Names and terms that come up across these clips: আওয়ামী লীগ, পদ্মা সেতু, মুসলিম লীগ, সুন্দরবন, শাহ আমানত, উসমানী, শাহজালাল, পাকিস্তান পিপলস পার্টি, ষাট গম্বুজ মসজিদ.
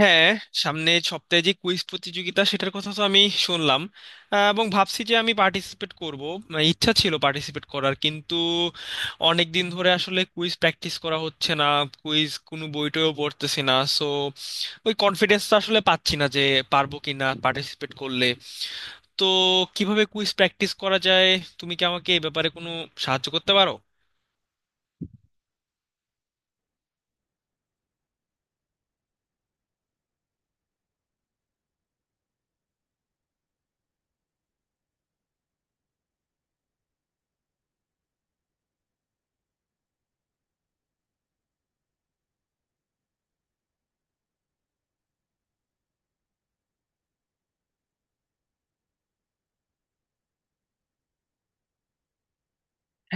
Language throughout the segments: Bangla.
হ্যাঁ। সামনে সপ্তাহে যে কুইজ প্রতিযোগিতা সেটার কথা তো আমি শুনলাম। এবং ভাবছি যে আমি পার্টিসিপেট করব। মানে ইচ্ছা ছিল পার্টিসিপেট করার, কিন্তু অনেক দিন ধরে আসলে কুইজ প্র্যাকটিস করা হচ্ছে না, কুইজ কোনো বইটেও পড়তেছি না। সো ওই কনফিডেন্সটা আসলে পাচ্ছি না যে পারবো কি না পার্টিসিপেট করলে। তো কিভাবে কুইজ প্র্যাকটিস করা যায়, তুমি কি আমাকে এই ব্যাপারে কোনো সাহায্য করতে পারো?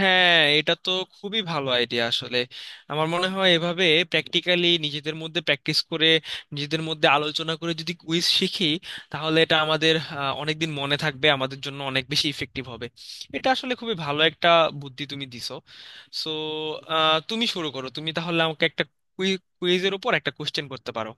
হ্যাঁ, এটা তো খুবই ভালো আইডিয়া আসলে। আমার মনে হয় এভাবে প্র্যাকটিক্যালি নিজেদের মধ্যে প্র্যাকটিস করে, নিজেদের মধ্যে আলোচনা করে যদি কুইজ শিখি, তাহলে এটা আমাদের অনেকদিন মনে থাকবে, আমাদের জন্য অনেক বেশি ইফেক্টিভ হবে। এটা আসলে খুবই ভালো একটা বুদ্ধি তুমি দিছো। সো তুমি শুরু করো, তুমি তাহলে আমাকে একটা কুইজের উপর একটা কোশ্চেন করতে পারো।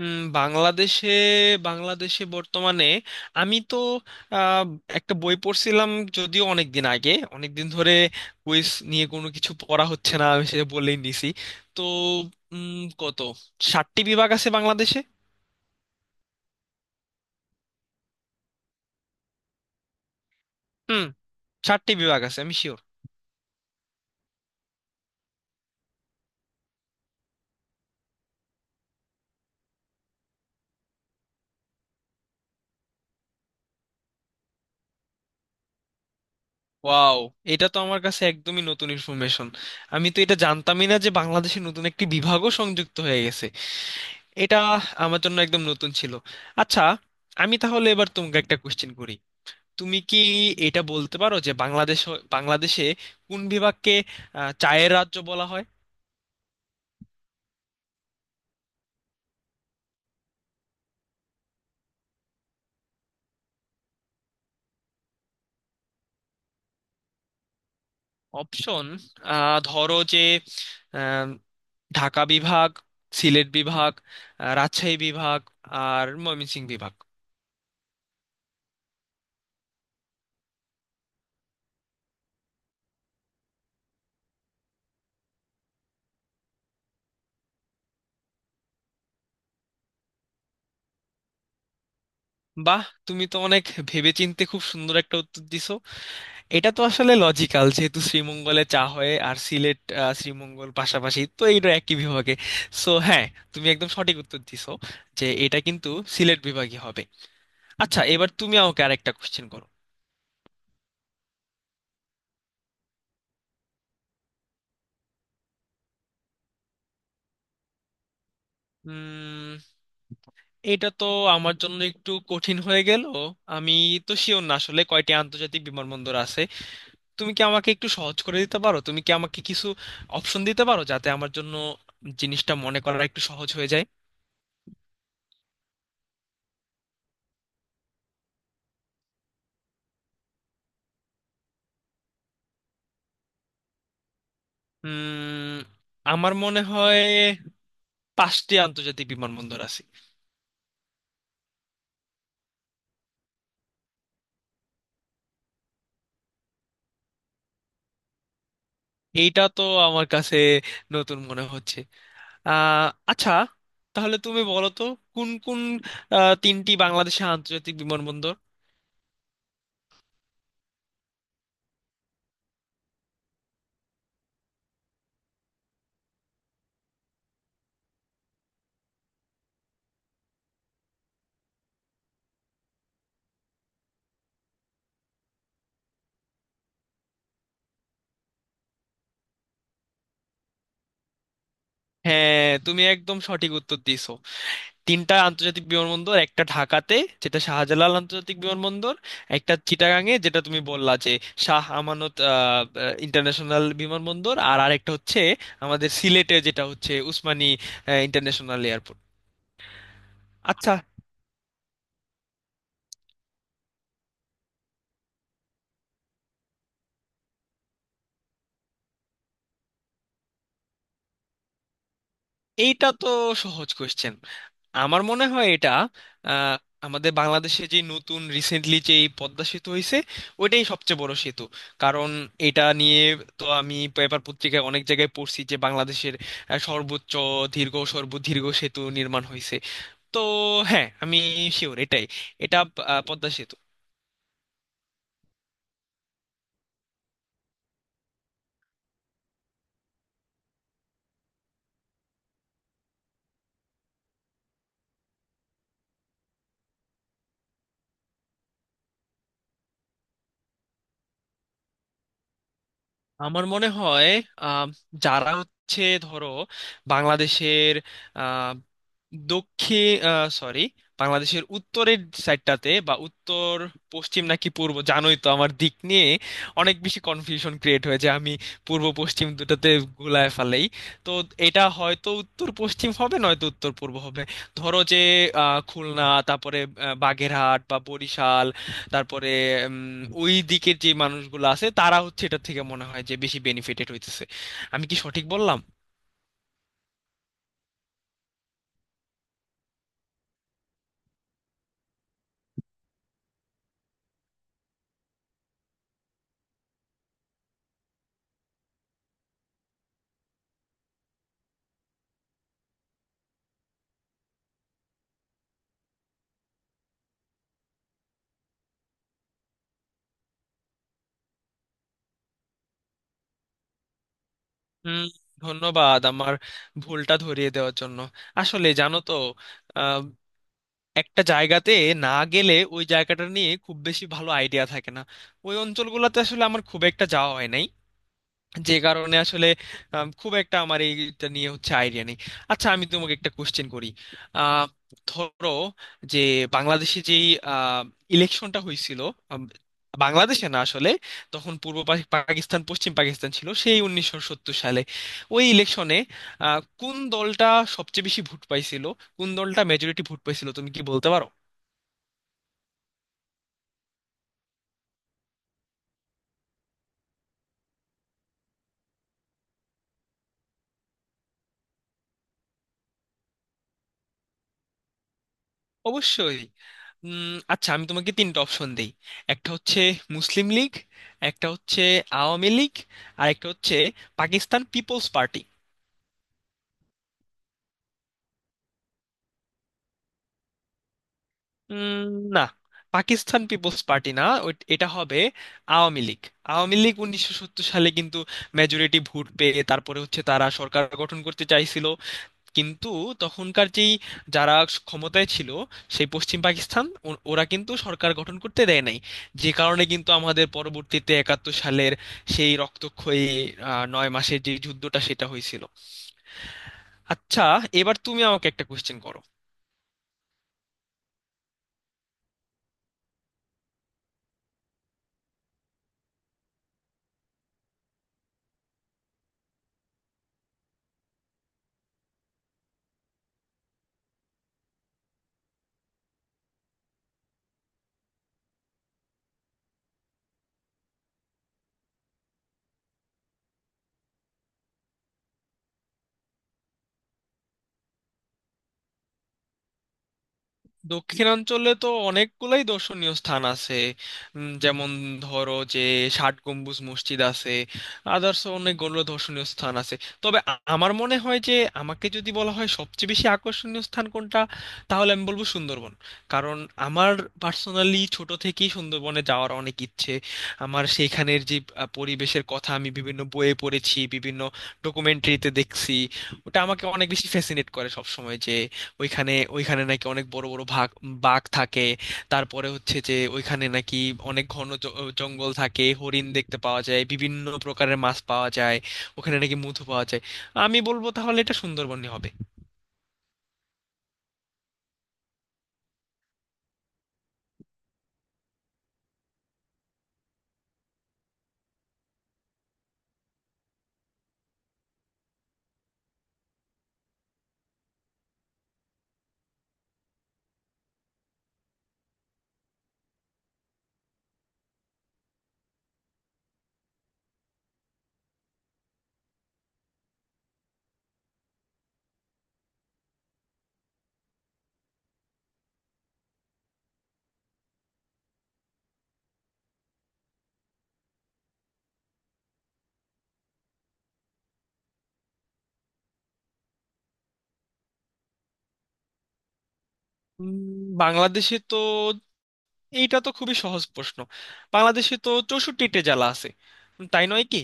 বাংলাদেশে বাংলাদেশে বর্তমানে আমি তো আহ, একটা বই পড়ছিলাম, যদিও অনেক দিন আগে, অনেক দিন ধরে কুইজ নিয়ে কোনো কিছু পড়া হচ্ছে না, আমি সেটা বলেই নিছি। তো উম, কত 60টি বিভাগ আছে বাংলাদেশে। হুম, ষাটটি বিভাগ আছে, আমি শিওর। ওয়াও, এটা তো আমার কাছে একদমই নতুন ইনফরমেশন। আমি তো এটা জানতামই না যে বাংলাদেশে নতুন একটি বিভাগও সংযুক্ত হয়ে গেছে। এটা আমার জন্য একদম নতুন ছিল। আচ্ছা, আমি তাহলে এবার তোমাকে একটা কোশ্চেন করি। তুমি কি এটা বলতে পারো যে বাংলাদেশে কোন বিভাগকে চায়ের রাজ্য বলা হয়? অপশন? ধরো যে আম, ঢাকা বিভাগ, সিলেট বিভাগ, রাজশাহী বিভাগ, আর ময়মনসিংহ বিভাগ। বাহ, তুমি তো অনেক ভেবেচিন্তে খুব সুন্দর একটা উত্তর দিছো। এটা তো আসলে লজিক্যাল, যেহেতু শ্রীমঙ্গলে চা হয়, আর সিলেট শ্রীমঙ্গল পাশাপাশি, তো এইটা একই বিভাগে। সো হ্যাঁ, তুমি একদম সঠিক উত্তর দিছো যে এটা কিন্তু সিলেট বিভাগই হবে। আচ্ছা এবার তুমি আমাকে আরেকটা কোশ্চেন করো। উম এটা তো আমার জন্য একটু কঠিন হয়ে গেল। আমি তো শিওর না আসলে কয়টি আন্তর্জাতিক বিমানবন্দর আছে। তুমি কি আমাকে একটু সহজ করে দিতে পারো? তুমি কি আমাকে কিছু অপশন দিতে পারো, যাতে আমার জন্য জিনিসটা মনে করা একটু সহজ হয়ে যায়? উম আমার মনে হয় পাঁচটি আন্তর্জাতিক বিমানবন্দর আছে। এইটা তো আমার কাছে নতুন মনে হচ্ছে। আচ্ছা, তাহলে তুমি বলো তো কোন কোন তিনটি বাংলাদেশের আন্তর্জাতিক বিমানবন্দর? হ্যাঁ, তুমি একদম সঠিক উত্তর দিছো। তিনটা আন্তর্জাতিক বিমানবন্দর, একটা ঢাকাতে যেটা শাহজালাল আন্তর্জাতিক বিমানবন্দর, একটা চিটাগাং এ যেটা তুমি বললা যে শাহ আমানত ইন্টারন্যাশনাল বিমানবন্দর, আর আরেকটা হচ্ছে আমাদের সিলেটে যেটা হচ্ছে উসমানী ইন্টারন্যাশনাল এয়ারপোর্ট। আচ্ছা। এইটা তো সহজ কোশ্চেন। আমার মনে হয় এটা আহ, আমাদের বাংলাদেশে যে নতুন রিসেন্টলি যে এই পদ্মা সেতু হয়েছে, ওইটাই সবচেয়ে বড় সেতু। কারণ এটা নিয়ে তো আমি পেপার পত্রিকায় অনেক জায়গায় পড়ছি যে বাংলাদেশের সর্বোচ্চ দীর্ঘ সর্বদীর্ঘ সেতু নির্মাণ হয়েছে। তো হ্যাঁ, আমি শিওর এটাই, এটা পদ্মা সেতু। আমার মনে হয় আম, যারা হচ্ছে, ধরো, বাংলাদেশের আহ, দক্ষিণ সরি বাংলাদেশের উত্তরের সাইডটাতে, বা উত্তর পশ্চিম নাকি পূর্ব, জানোই তো আমার দিক নিয়ে অনেক বেশি কনফিউশন ক্রিয়েট হয়েছে, আমি পূর্ব পশ্চিম দুটাতে গুলায় ফেলেই। তো এটা হয়তো উত্তর পশ্চিম হবে, নয়তো উত্তর পূর্ব হবে। ধরো যে খুলনা, তারপরে বাগেরহাট বা বরিশাল, তারপরে উম, ওই দিকের যে মানুষগুলো আছে, তারা হচ্ছে এটা থেকে মনে হয় যে বেশি বেনিফিটেড হইতেছে। আমি কি সঠিক বললাম? হুম, ধন্যবাদ আমার ভুলটা ধরিয়ে দেওয়ার জন্য। আসলে জানো তো, আহ, একটা জায়গাতে না গেলে ওই জায়গাটা নিয়ে খুব বেশি ভালো আইডিয়া থাকে না। ওই অঞ্চলগুলোতে আসলে আমার খুব একটা যাওয়া হয় নাই, যে কারণে আসলে খুব একটা আমার এইটা নিয়ে হচ্ছে আইডিয়া নেই। আচ্ছা, আমি তোমাকে একটা কোশ্চেন করি। আহ, ধরো যে বাংলাদেশে যেই ইলেকশনটা হয়েছিল, আম, বাংলাদেশে না আসলে, তখন পাকিস্তান পশ্চিম পাকিস্তান ছিল, সেই 1970 সালে ওই ইলেকশনে কোন দলটা সবচেয়ে বেশি ভোট পাইছিল, কোন দলটা মেজরিটি ভোট পাইছিল, তুমি কি বলতে পারো? অবশ্যই। আচ্ছা, আমি তোমাকে তিনটা অপশন দিই। একটা হচ্ছে মুসলিম লীগ, একটা হচ্ছে আওয়ামী লীগ, আর একটা হচ্ছে পাকিস্তান পিপলস পার্টি। উম, না, পাকিস্তান পিপলস পার্টি না। এটা হবে আওয়ামী লীগ। আওয়ামী লীগ 1970 সালে কিন্তু মেজরিটি ভোট পেয়ে তারপরে হচ্ছে তারা সরকার গঠন করতে চাইছিল, কিন্তু তখনকার যেই যারা ক্ষমতায় ছিল, সেই পশ্চিম পাকিস্তান ওরা কিন্তু সরকার গঠন করতে দেয় নাই। যে কারণে কিন্তু আমাদের পরবর্তীতে 1971 সালের সেই রক্তক্ষয়ী 9 মাসের যে যুদ্ধটা, সেটা হয়েছিল। আচ্ছা এবার তুমি আমাকে একটা কোশ্চেন করো। দক্ষিণাঞ্চলে তো অনেকগুলাই দর্শনীয় স্থান আছে। যেমন ধরো যে ষাট গম্বুজ মসজিদ আছে, আদার্স অনেকগুলো দর্শনীয় স্থান আছে। তবে আমার মনে হয় যে আমাকে যদি বলা হয় সবচেয়ে বেশি আকর্ষণীয় স্থান কোনটা, তাহলে আমি বলবো সুন্দরবন। কারণ আমার পার্সোনালি ছোট থেকেই সুন্দরবনে যাওয়ার অনেক ইচ্ছে। আমার সেইখানের যে পরিবেশের কথা আমি বিভিন্ন বইয়ে পড়েছি, বিভিন্ন ডকুমেন্টারিতে দেখছি। ওটা আমাকে অনেক বেশি ফ্যাসিনেট করে সবসময়, যে ওইখানে ওইখানে নাকি অনেক বড় বড় বাঘ থাকে। তারপরে হচ্ছে যে ওইখানে নাকি অনেক ঘন জঙ্গল থাকে, হরিণ দেখতে পাওয়া যায়, বিভিন্ন প্রকারের মাছ পাওয়া যায়, ওখানে নাকি মধু পাওয়া যায়। আমি বলবো তাহলে এটা সুন্দরবনই হবে। উম, বাংলাদেশে তো, এইটা তো খুবই সহজ প্রশ্ন, বাংলাদেশে তো 64টা জেলা আছে, তাই নয় কি?